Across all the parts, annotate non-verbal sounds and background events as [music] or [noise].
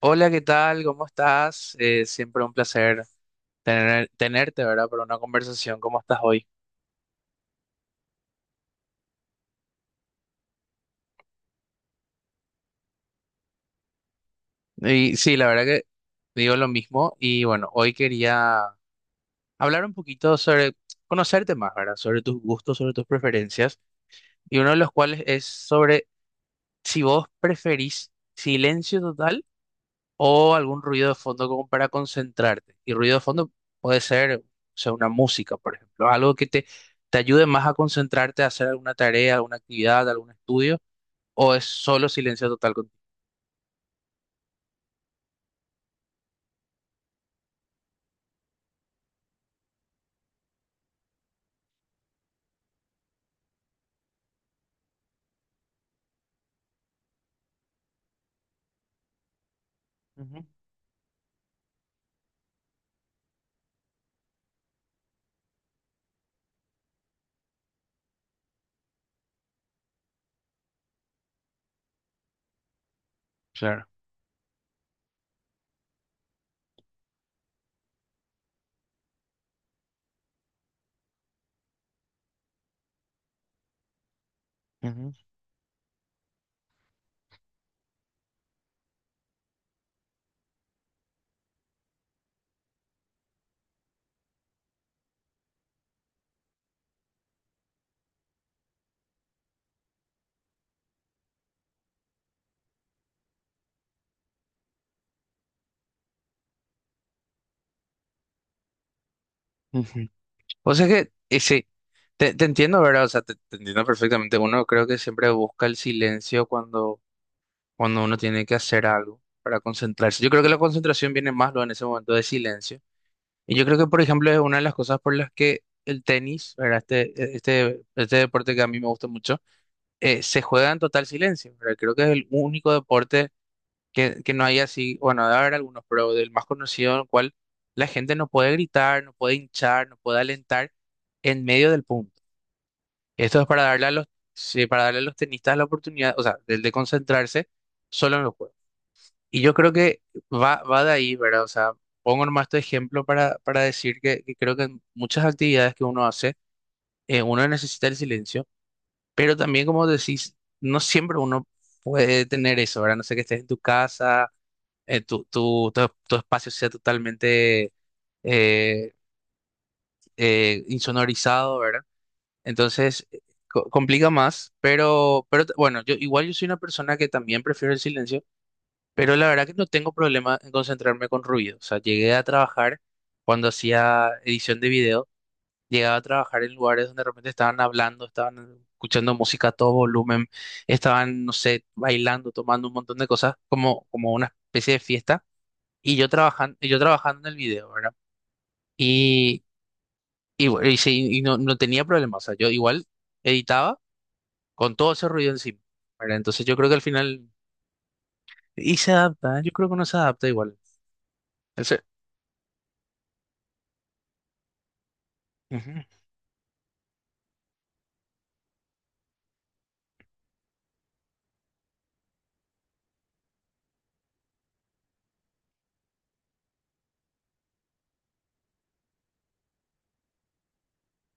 Hola, ¿qué tal? ¿Cómo estás? Siempre un placer tenerte, ¿verdad? Para una conversación. ¿Cómo estás hoy? Y sí, la verdad que digo lo mismo. Y bueno, hoy quería hablar un poquito sobre conocerte más, ¿verdad? Sobre tus gustos, sobre tus preferencias. Y uno de los cuales es sobre si vos preferís silencio total o algún ruido de fondo como para concentrarte. Y ruido de fondo puede ser, o sea, una música, por ejemplo, algo te ayude más a concentrarte a hacer alguna tarea, alguna actividad, algún estudio, o es solo silencio total contigo. Ujú, claro, ujú. Ujú. O sea que, sí, te entiendo, ¿verdad? O sea, te entiendo perfectamente. Uno creo que siempre busca el silencio cuando uno tiene que hacer algo para concentrarse. Yo creo que la concentración viene más luego en ese momento de silencio. Y yo creo que, por ejemplo, es una de las cosas por las que el tenis, ¿verdad? Este deporte que a mí me gusta mucho, se juega en total silencio, ¿verdad? Creo que es el único deporte que no hay así, bueno, debe haber algunos, pero del más conocido en el cual la gente no puede gritar, no puede hinchar, no puede alentar en medio del punto. Esto es para darle a sí, para darle a los tenistas la oportunidad, o sea, del de concentrarse solo en los juegos, y yo creo que va de ahí, ¿verdad? O sea, pongo nomás este ejemplo para decir que creo que en muchas actividades que uno hace, uno necesita el silencio, pero también, como decís, no siempre uno puede tener eso, ¿verdad? No sé que estés en tu casa, tu espacio sea totalmente eh, insonorizado, ¿verdad? Entonces, complica más, pero bueno, yo igual, yo soy una persona que también prefiero el silencio. Pero la verdad que no tengo problema en concentrarme con ruido. O sea, llegué a trabajar cuando hacía edición de video, llegaba a trabajar en lugares donde de repente estaban hablando, estaban escuchando música a todo volumen, estaban, no sé, bailando, tomando un montón de cosas, como, como una especie de fiesta. Y yo trabajando en el video, ¿verdad? Y, no tenía problema. O sea, yo igual editaba con todo ese ruido encima, ¿verdad? Entonces yo creo que al final, y se adapta, ¿eh? Yo creo que uno se adapta igual. Ese- Ujú.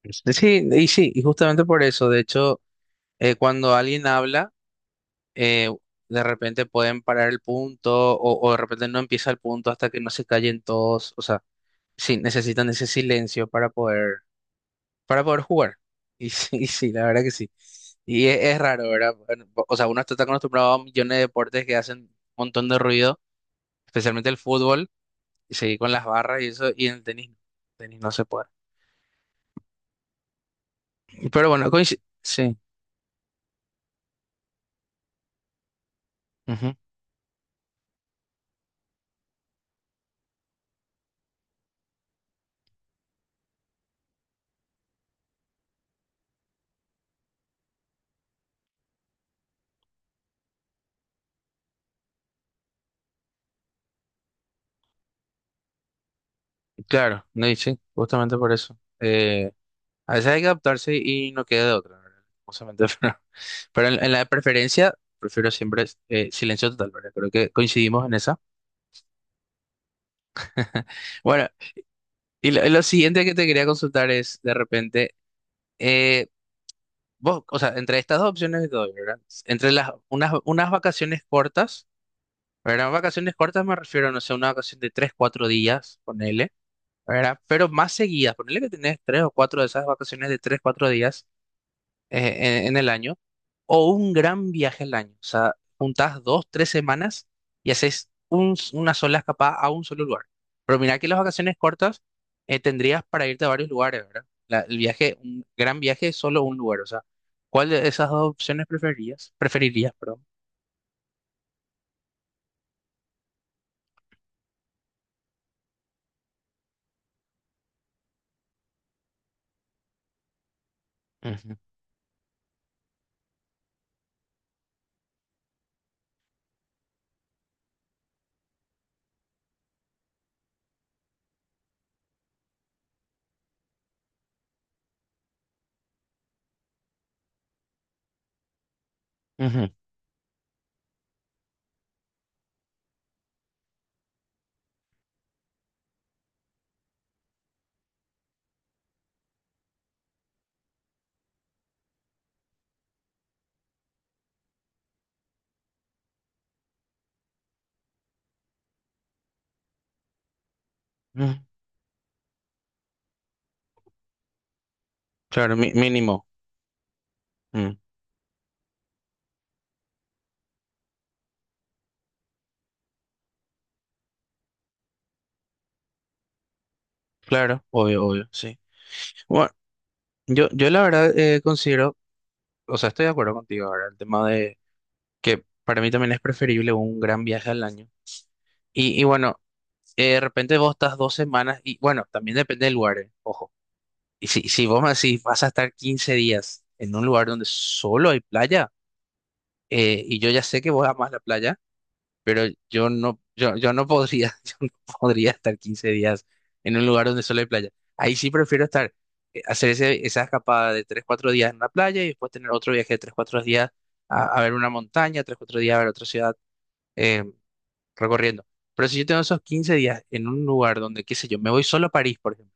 Sí, y sí, y justamente por eso, de hecho, cuando alguien habla, eh, de repente pueden parar el punto o de repente no empieza el punto hasta que no se callen todos, o sea, sí, necesitan ese silencio para poder jugar. Y sí, [laughs] y sí, la verdad que sí. Y es raro, ¿verdad? Bueno, o sea, uno está tan acostumbrado a millones de deportes que hacen un montón de ruido, especialmente el fútbol, y seguir con las barras y eso, y en el tenis, no. El tenis no se puede. Pero bueno, sí. Claro, no, y sí, justamente por eso. A veces hay que adaptarse y no queda de otra, ¿verdad? Justamente, [laughs] pero en la preferencia prefiero siempre silencio total, ¿verdad? Creo que coincidimos en esa. [laughs] Bueno, y lo siguiente que te quería consultar es, de repente, eh, vos, o sea, entre estas dos opciones que te doy, ¿verdad? Entre unas vacaciones cortas, ¿verdad? Vacaciones cortas me refiero, no sé, una vacación de tres, cuatro días, ponele, ¿verdad? Pero más seguidas, ponele que tenés tres o cuatro de esas vacaciones de tres, cuatro días en el año o un gran viaje al año. O sea, juntás dos, tres semanas y haces una sola escapada a un solo lugar. Pero mirá que las vacaciones cortas tendrías para irte a varios lugares, ¿verdad? El viaje, un gran viaje es solo un lugar. O sea, ¿cuál de esas dos opciones preferirías? Preferirías, perdón. Ujú, ujú, ujú. Claro, mínimo. Mm, claro, obvio, obvio, sí. Bueno, yo la verdad considero, o sea, estoy de acuerdo contigo ahora, el tema de que para mí también es preferible un gran viaje al año. Y bueno, de repente vos estás dos semanas y bueno, también depende del lugar, ojo. Y si vos me decís, vas a estar 15 días en un lugar donde solo hay playa, y yo ya sé que vos amás la playa, pero yo no, yo no podría, [laughs] yo no podría estar 15 días en un lugar donde solo hay playa. Ahí sí prefiero estar, hacer esa escapada de 3 4 días en la playa y después tener otro viaje de 3 4 días a ver una montaña, 3 4 días a ver otra ciudad, eh, recorriendo. Pero si yo tengo esos 15 días en un lugar donde, qué sé yo, me voy solo a París, por ejemplo,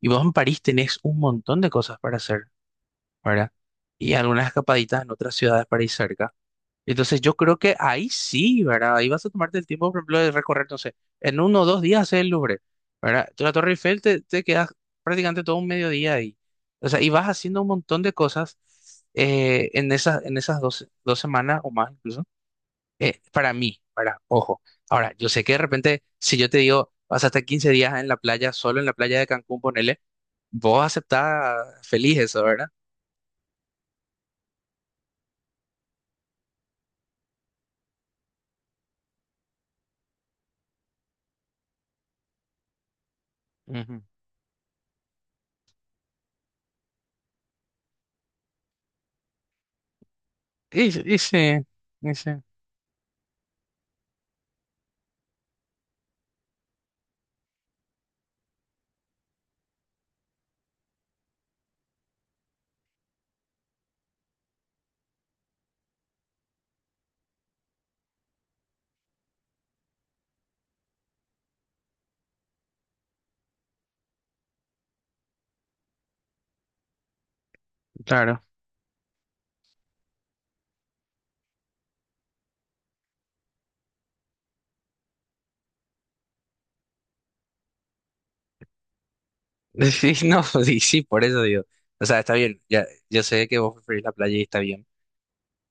y vos en París tenés un montón de cosas para hacer, ¿verdad? Y algunas escapaditas en otras ciudades para ir cerca. Entonces yo creo que ahí sí, ¿verdad? Ahí vas a tomarte el tiempo, por ejemplo, de recorrer, no sé, en uno o dos días hacer el Louvre, ¿verdad? La Torre Eiffel te quedas prácticamente todo un mediodía ahí. O sea, y vas haciendo un montón de cosas en esas dos semanas o más, incluso para mí, para, ojo. Ahora, yo sé que de repente, si yo te digo, vas a estar 15 días en la playa, solo en la playa de Cancún, ponele, vos aceptás feliz eso, ¿verdad? Ujú. Y, y sí, y sí, claro. [laughs] Sí no, sí sí, por eso digo. O sea, está bien, ya, yo sé que vos preferís la playa y está bien.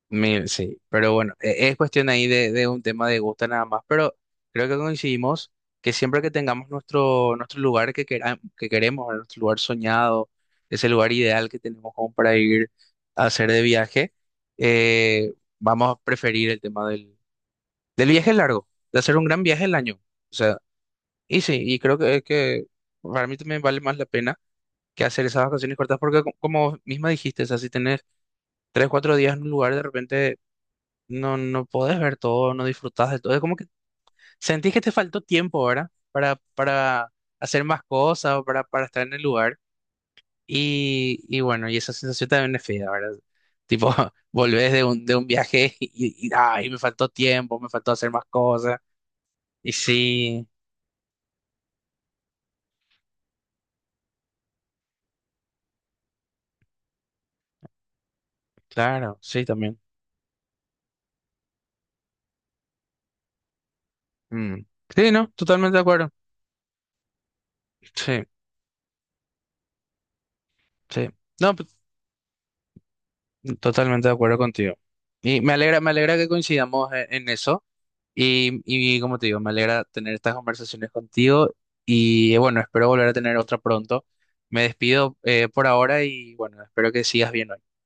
Mil, sí, pero bueno, es cuestión ahí de un tema de gusto nada más, pero creo que coincidimos que siempre que tengamos nuestro, nuestro lugar que queremos, nuestro lugar soñado, ese lugar ideal que tenemos como para ir a hacer de viaje, eh, vamos a preferir el tema del viaje largo, de hacer un gran viaje el año. O sea, y sí, y creo que para mí también vale más la pena que hacer esas vacaciones cortas, porque como misma dijiste, o sea, si tenés tres, cuatro días en un lugar, de repente no, no podés ver todo, no disfrutás de todo. Es como que sentís que te faltó tiempo, ¿verdad? Para hacer más cosas o para estar en el lugar. Y bueno, y esa sensación también es fea, ¿verdad? Tipo, [laughs] volvés de un viaje [laughs] y, ay, me faltó tiempo, me faltó hacer más cosas. Y sí, claro, sí, también. Mm. Sí, no, totalmente de acuerdo. Sí, sí. No, pues, totalmente de acuerdo contigo. Y me alegra que coincidamos en eso. Y como te digo, me alegra tener estas conversaciones contigo y bueno, espero volver a tener otra pronto. Me despido por ahora y bueno, espero que sigas bien hoy.